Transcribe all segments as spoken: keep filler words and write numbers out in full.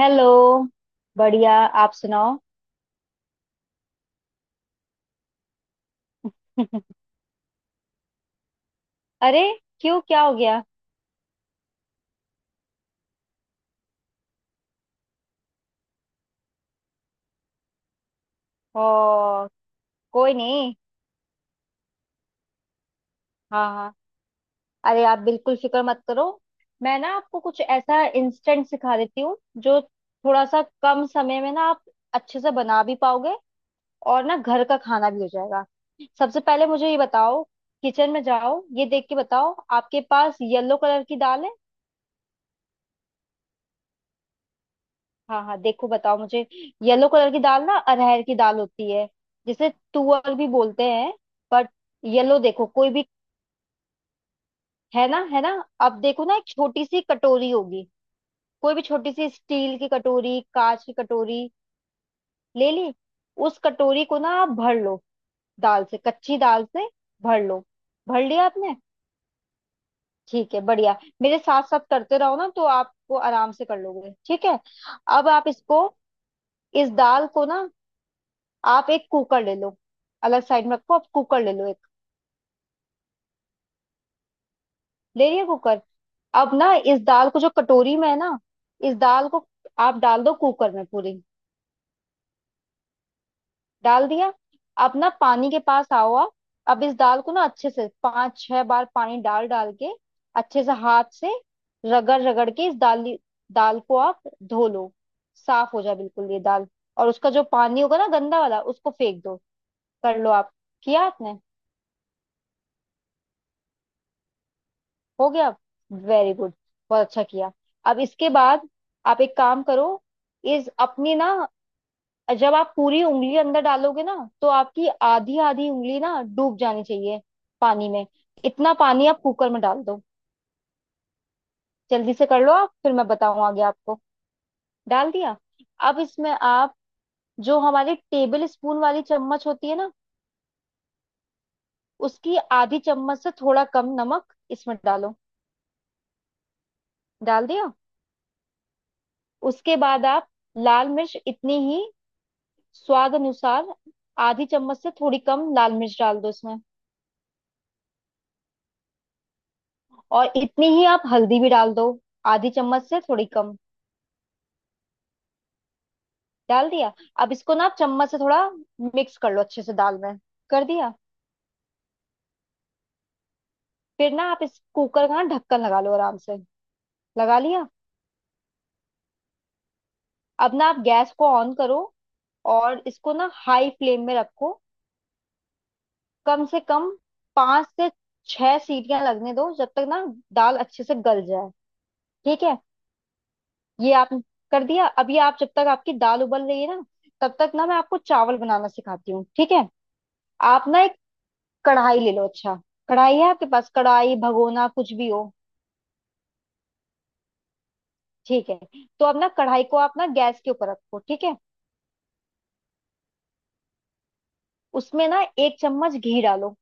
Hello. बढ़िया। आप सुनाओ। अरे, क्यों क्या हो गया? ओ, कोई नहीं। हाँ हाँ, अरे आप बिल्कुल फिक्र मत करो। मैं ना आपको कुछ ऐसा इंस्टेंट सिखा देती हूँ जो थोड़ा सा कम समय में ना आप अच्छे से बना भी पाओगे, और ना घर का खाना भी हो जाएगा। सबसे पहले मुझे ये बताओ, किचन में जाओ, ये देख के बताओ आपके पास येलो कलर की दाल है? हाँ हाँ, देखो बताओ मुझे। येलो कलर की दाल ना अरहर की दाल होती है जिसे तुअर भी बोलते हैं। बट येलो देखो कोई भी, है ना, है ना? अब देखो ना एक छोटी सी कटोरी होगी, कोई भी छोटी सी स्टील की कटोरी, कांच की कटोरी। ले ली। उस कटोरी को ना आप भर लो दाल से, कच्ची दाल से। भर लो। भर लिया आपने? ठीक है, बढ़िया। मेरे साथ साथ करते रहो ना तो आपको आराम से कर लोगे, ठीक है? अब आप इसको, इस दाल को ना, आप एक कुकर ले लो। अलग साइड में रखो, आप कुकर ले लो एक। ले लिया कुकर। अब ना इस दाल को, जो कटोरी में है ना, इस दाल को आप डाल दो कुकर में पूरी। डाल दिया। अब ना पानी के पास आओ आप। अब इस दाल को ना अच्छे से पांच छह बार पानी डाल डाल के, अच्छे से हाथ से रगड़ रगड़ के, इस दाल, दाल को आप धो लो। साफ हो जाए बिल्कुल ये दाल, और उसका जो पानी होगा ना गंदा वाला, उसको फेंक दो। कर लो आप। किया आपने? हो गया। वेरी गुड, बहुत अच्छा किया। अब इसके बाद आप एक काम करो, इस अपनी ना, जब आप पूरी उंगली अंदर डालोगे ना, तो आपकी आधी आधी उंगली ना डूब जानी चाहिए पानी में। इतना पानी आप कुकर में डाल दो। जल्दी से कर लो आप, फिर मैं बताऊं आगे आपको। डाल दिया। अब इसमें आप, जो हमारी टेबल स्पून वाली चम्मच होती है ना, उसकी आधी चम्मच से थोड़ा कम नमक इसमें डालो। डाल दिया। उसके बाद आप लाल मिर्च इतनी ही, स्वाद अनुसार, आधी चम्मच से थोड़ी कम लाल मिर्च डाल दो इसमें। और इतनी ही आप हल्दी भी डाल दो, आधी चम्मच से थोड़ी कम। डाल दिया। अब इसको ना आप चम्मच से थोड़ा मिक्स कर लो अच्छे से दाल में। कर दिया। फिर ना आप इस कुकर का ना ढक्कन लगा लो आराम से। लगा लिया। अब ना आप गैस को ऑन करो, और इसको ना हाई फ्लेम में रखो। कम से कम पांच से छह सीटियां लगने दो जब तक ना दाल अच्छे से गल जाए, ठीक है? ये आप कर दिया। अभी आप, जब तक आपकी दाल उबल रही है ना, तब तक ना मैं आपको चावल बनाना सिखाती हूँ, ठीक है? आप ना एक कढ़ाई ले लो। अच्छा, कढ़ाई है आपके पास? कढ़ाई, भगोना, कुछ भी हो। ठीक है। तो अब ना कढ़ाई को आप ना गैस के ऊपर रखो, ठीक है? उसमें ना एक चम्मच घी डालो।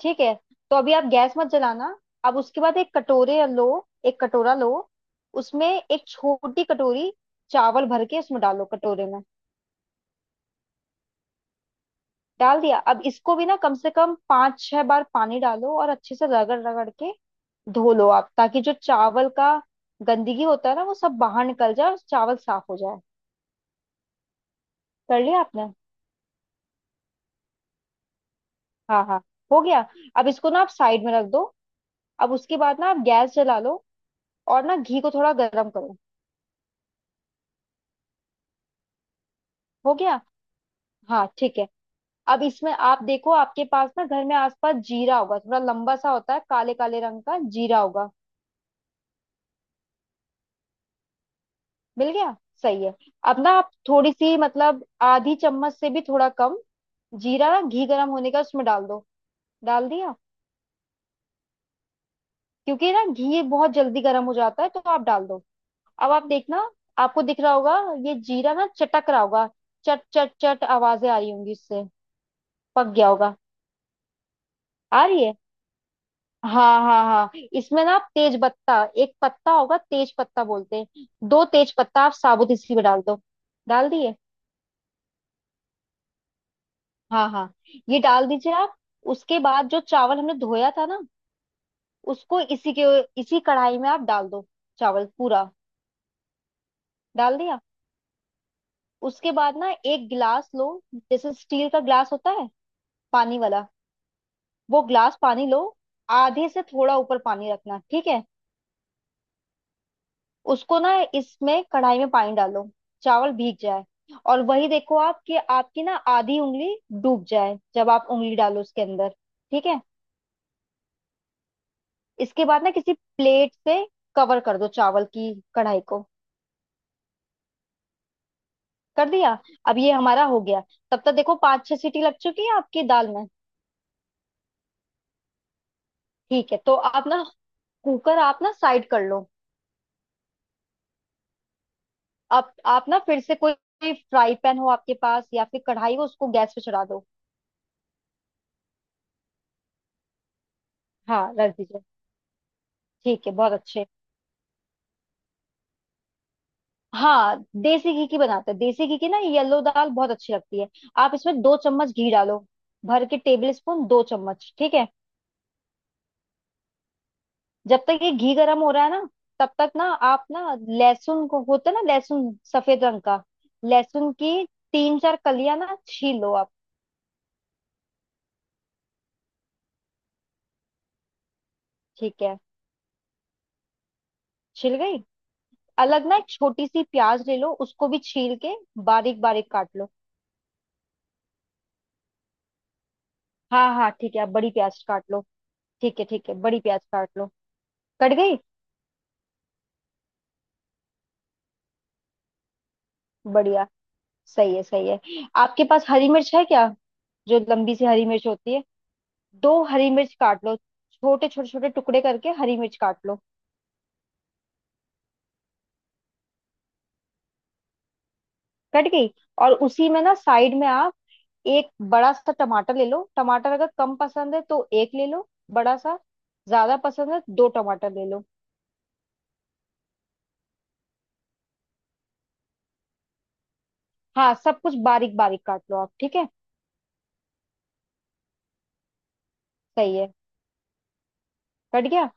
ठीक है, तो अभी आप गैस मत जलाना। अब उसके बाद एक कटोरे लो, एक कटोरा लो। उसमें एक छोटी कटोरी चावल भर के उसमें डालो, कटोरे में। डाल दिया। अब इसको भी ना कम से कम पांच छह बार पानी डालो, और अच्छे से रगड़ रगड़ के धो लो आप, ताकि जो चावल का गंदगी होता है ना वो सब बाहर निकल जाए और चावल साफ हो जाए। कर लिया आपने? हाँ हाँ, हो गया। अब इसको ना आप साइड में रख दो। अब उसके बाद ना आप गैस जला लो, और ना घी को थोड़ा गर्म करो। हो गया। हाँ ठीक है। अब इसमें आप देखो, आपके पास ना घर में आसपास जीरा होगा, थोड़ा लंबा सा होता है, काले काले रंग का जीरा होगा। मिल गया? सही है। अब ना आप थोड़ी सी, मतलब आधी चम्मच से भी थोड़ा कम जीरा ना घी गर्म होने का उसमें डाल दो। डाल दिया। क्योंकि ना घी बहुत जल्दी गर्म हो जाता है, तो आप डाल दो। अब आप देखना, आपको दिख रहा होगा ये जीरा ना चटक रहा होगा, चट चट चट आवाजें आ रही होंगी इससे। पक गया होगा। आ रही है, हाँ हाँ हाँ। इसमें ना आप तेज पत्ता, एक पत्ता होगा तेज पत्ता बोलते हैं, दो तेज पत्ता आप साबुत इसी में डाल दो। डाल दिए। हाँ हाँ, ये डाल दीजिए आप। उसके बाद जो चावल हमने धोया था ना, उसको इसी के, इसी कढ़ाई में आप डाल दो, चावल पूरा। डाल दिया। उसके बाद ना एक गिलास लो, जैसे स्टील का गिलास होता है पानी वाला, वो गिलास पानी लो। आधे से थोड़ा ऊपर पानी रखना, ठीक है? उसको ना इसमें कढ़ाई में पानी डालो, चावल भीग जाए। और वही देखो आप कि आपकी ना आधी उंगली डूब जाए जब आप उंगली डालो उसके अंदर, ठीक है? इसके बाद ना किसी प्लेट से कवर कर दो चावल की कढ़ाई को। कर दिया। अब ये हमारा हो गया। तब तक देखो पांच छह सीटी लग चुकी है आपकी दाल में। ठीक है, तो आप ना कुकर आप ना साइड कर लो। आप आप ना फिर से कोई फ्राई पैन हो आपके पास, या फिर कढ़ाई हो, उसको गैस पे चढ़ा दो। हाँ रख दीजिए। ठीक है, बहुत अच्छे। हाँ, देसी घी की बनाते हैं, देसी घी की ना येलो दाल बहुत अच्छी लगती है। आप इसमें दो चम्मच घी डालो, भर के टेबल स्पून दो चम्मच, ठीक है? जब तक ये घी गरम हो रहा है ना, तब तक ना आप ना लहसुन को, होता है ना लहसुन सफेद रंग का, लहसुन की तीन चार कलियां ना छील लो आप। ठीक है। छिल गई। अलग ना एक छोटी सी प्याज ले लो, उसको भी छील के बारीक बारीक काट लो। हाँ हाँ ठीक है, आप बड़ी प्याज काट लो। ठीक है ठीक है, बड़ी प्याज काट लो। कट गई? बढ़िया, सही है सही है। आपके पास हरी मिर्च है क्या? जो लंबी सी हरी मिर्च होती है, दो हरी मिर्च काट लो। छोटे छोटे छोटे टुकड़े करके हरी मिर्च काट लो। कट गई। और उसी में ना साइड में आप एक बड़ा सा टमाटर ले लो। टमाटर अगर कम पसंद है तो एक ले लो, बड़ा सा। ज्यादा पसंद है दो टमाटर ले लो। हाँ सब कुछ बारीक बारीक काट लो आप, ठीक है? सही है। कट गया।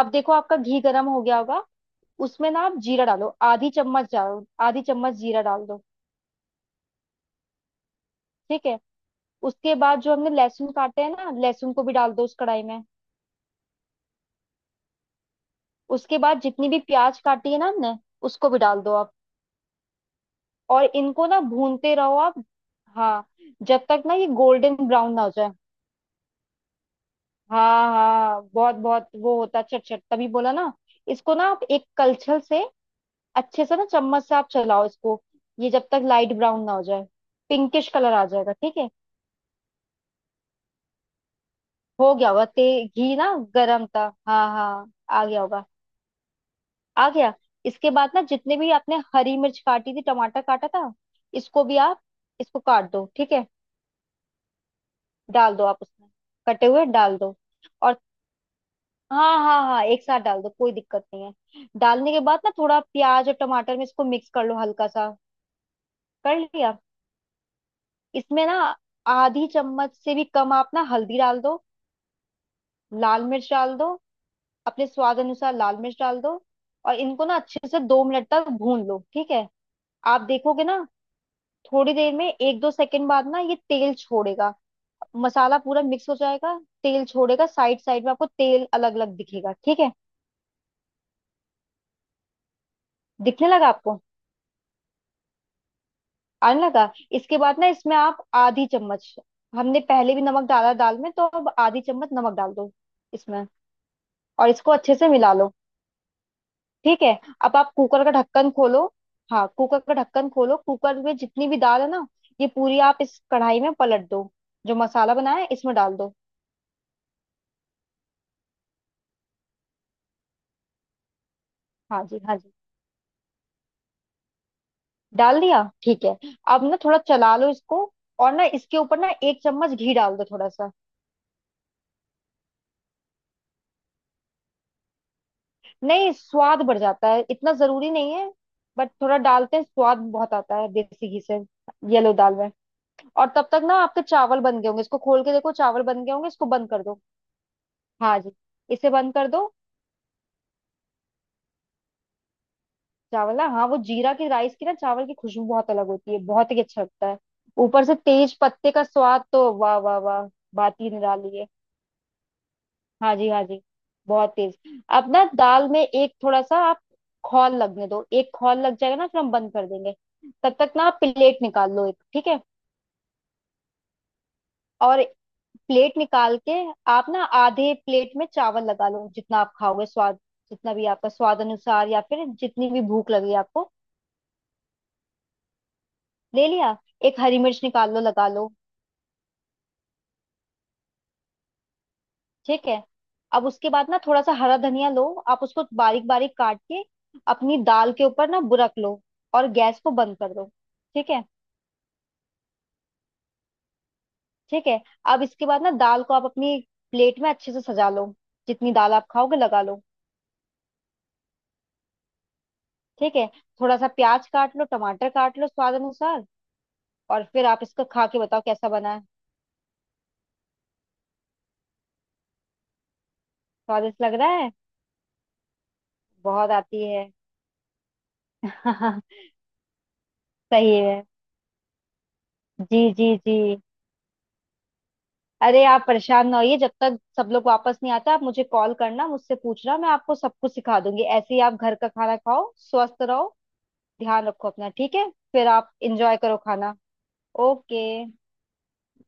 अब देखो आपका घी गर्म हो गया होगा। उसमें ना आप जीरा डालो, आधी चम्मच डालो, आधी चम्मच जीरा डाल दो। ठीक है। उसके बाद जो हमने लहसुन काटे हैं ना, लहसुन को भी डाल दो उस कढ़ाई में। उसके बाद जितनी भी प्याज काटी है ना हमने, उसको भी डाल दो आप। और इनको ना भूनते रहो आप। हाँ, जब तक ना ये गोल्डन ब्राउन ना हो जाए। हाँ हाँ, बहुत बहुत वो होता है, चटचट तभी बोला ना। इसको ना आप एक कलछल से, अच्छे से ना चम्मच से आप चलाओ इसको। ये जब तक लाइट ब्राउन ना हो जाए, पिंकिश कलर आ जाएगा, ठीक है? हो गया होगा, ते घी ना गरम था। हाँ हाँ। आ गया होगा। आ गया। इसके बाद ना जितने भी आपने हरी मिर्च काटी थी, टमाटर काटा था, इसको भी आप, इसको काट दो, ठीक है? डाल दो आप उसमें, कटे हुए डाल दो। और, हाँ हाँ हाँ, एक साथ डाल दो, कोई दिक्कत नहीं है। डालने के बाद ना थोड़ा प्याज और टमाटर में इसको मिक्स कर लो, हल्का सा। कर लिया। इसमें ना आधी चम्मच से भी कम आप ना हल्दी डाल दो, लाल मिर्च डाल दो, अपने स्वाद अनुसार लाल मिर्च डाल दो। और इनको ना अच्छे से दो मिनट तक भून लो, ठीक है? आप देखोगे ना, थोड़ी देर में एक दो सेकंड बाद ना ये तेल छोड़ेगा, मसाला पूरा मिक्स हो जाएगा। तेल छोड़ेगा, साइड साइड में आपको तेल अलग अलग दिखेगा, ठीक है? दिखने लगा आपको? आने लगा। इसके बाद ना इसमें आप आधी चम्मच, हमने पहले भी नमक डाला दाल में तो अब आधी चम्मच नमक डाल दो इसमें, और इसको अच्छे से मिला लो। ठीक है। अब आप कुकर का ढक्कन खोलो। हाँ कुकर का ढक्कन खोलो, कुकर में जितनी भी दाल है ना, ये पूरी आप इस कढ़ाई में पलट दो, जो मसाला बनाया है इसमें डाल दो। हाँ जी, हाँ जी, डाल दिया, ठीक है। अब ना थोड़ा चला लो इसको, और ना इसके ऊपर ना एक चम्मच घी डाल दो, थोड़ा सा। नहीं, स्वाद बढ़ जाता है, इतना जरूरी नहीं है। बट थोड़ा डालते हैं, स्वाद बहुत आता है देसी घी से, येलो दाल में। और तब तक ना आपके चावल बन गए होंगे, इसको खोल के देखो, चावल बन गए होंगे, इसको बंद कर दो। हाँ जी, इसे बंद कर दो। चावल ना, हाँ वो जीरा की राइस की ना, चावल की खुशबू बहुत अलग होती है, बहुत ही अच्छा लगता है। ऊपर से तेज पत्ते का स्वाद, तो वाह वाह वाह, बात ही निराली है। हाँ जी हाँ जी, बहुत तेज। अब ना दाल में एक थोड़ा सा आप खौल लगने दो, एक खौल लग जाएगा ना फिर हम बंद कर देंगे। तब तक ना आप प्लेट निकाल लो एक, ठीक है? और प्लेट निकाल के, आप ना आधे प्लेट में चावल लगा लो, जितना आप खाओगे स्वाद, जितना भी आपका स्वाद अनुसार, या फिर जितनी भी भूख लगी आपको। ले लिया। एक हरी मिर्च निकाल लो, लगा लो। ठीक है। अब उसके बाद ना थोड़ा सा हरा धनिया लो आप, उसको बारीक बारीक काट के अपनी दाल के ऊपर ना बुरक लो, और गैस को बंद कर दो, ठीक है? ठीक है। अब इसके बाद ना दाल को आप अपनी प्लेट में अच्छे से सजा लो, जितनी दाल आप खाओगे लगा लो। ठीक है। थोड़ा सा प्याज काट लो, टमाटर काट लो, स्वाद अनुसार, और फिर आप इसको खा के बताओ कैसा बना है। स्वादिष्ट लग रहा है? बहुत आती है। सही है। जी जी जी, अरे आप परेशान ना होइए, जब तक सब लोग वापस नहीं आता आप मुझे कॉल करना, मुझसे पूछना, मैं आपको सब कुछ सिखा दूंगी। ऐसे ही आप घर का खाना खाओ, स्वस्थ रहो, ध्यान रखो अपना, ठीक है? फिर आप इंजॉय करो खाना। ओके।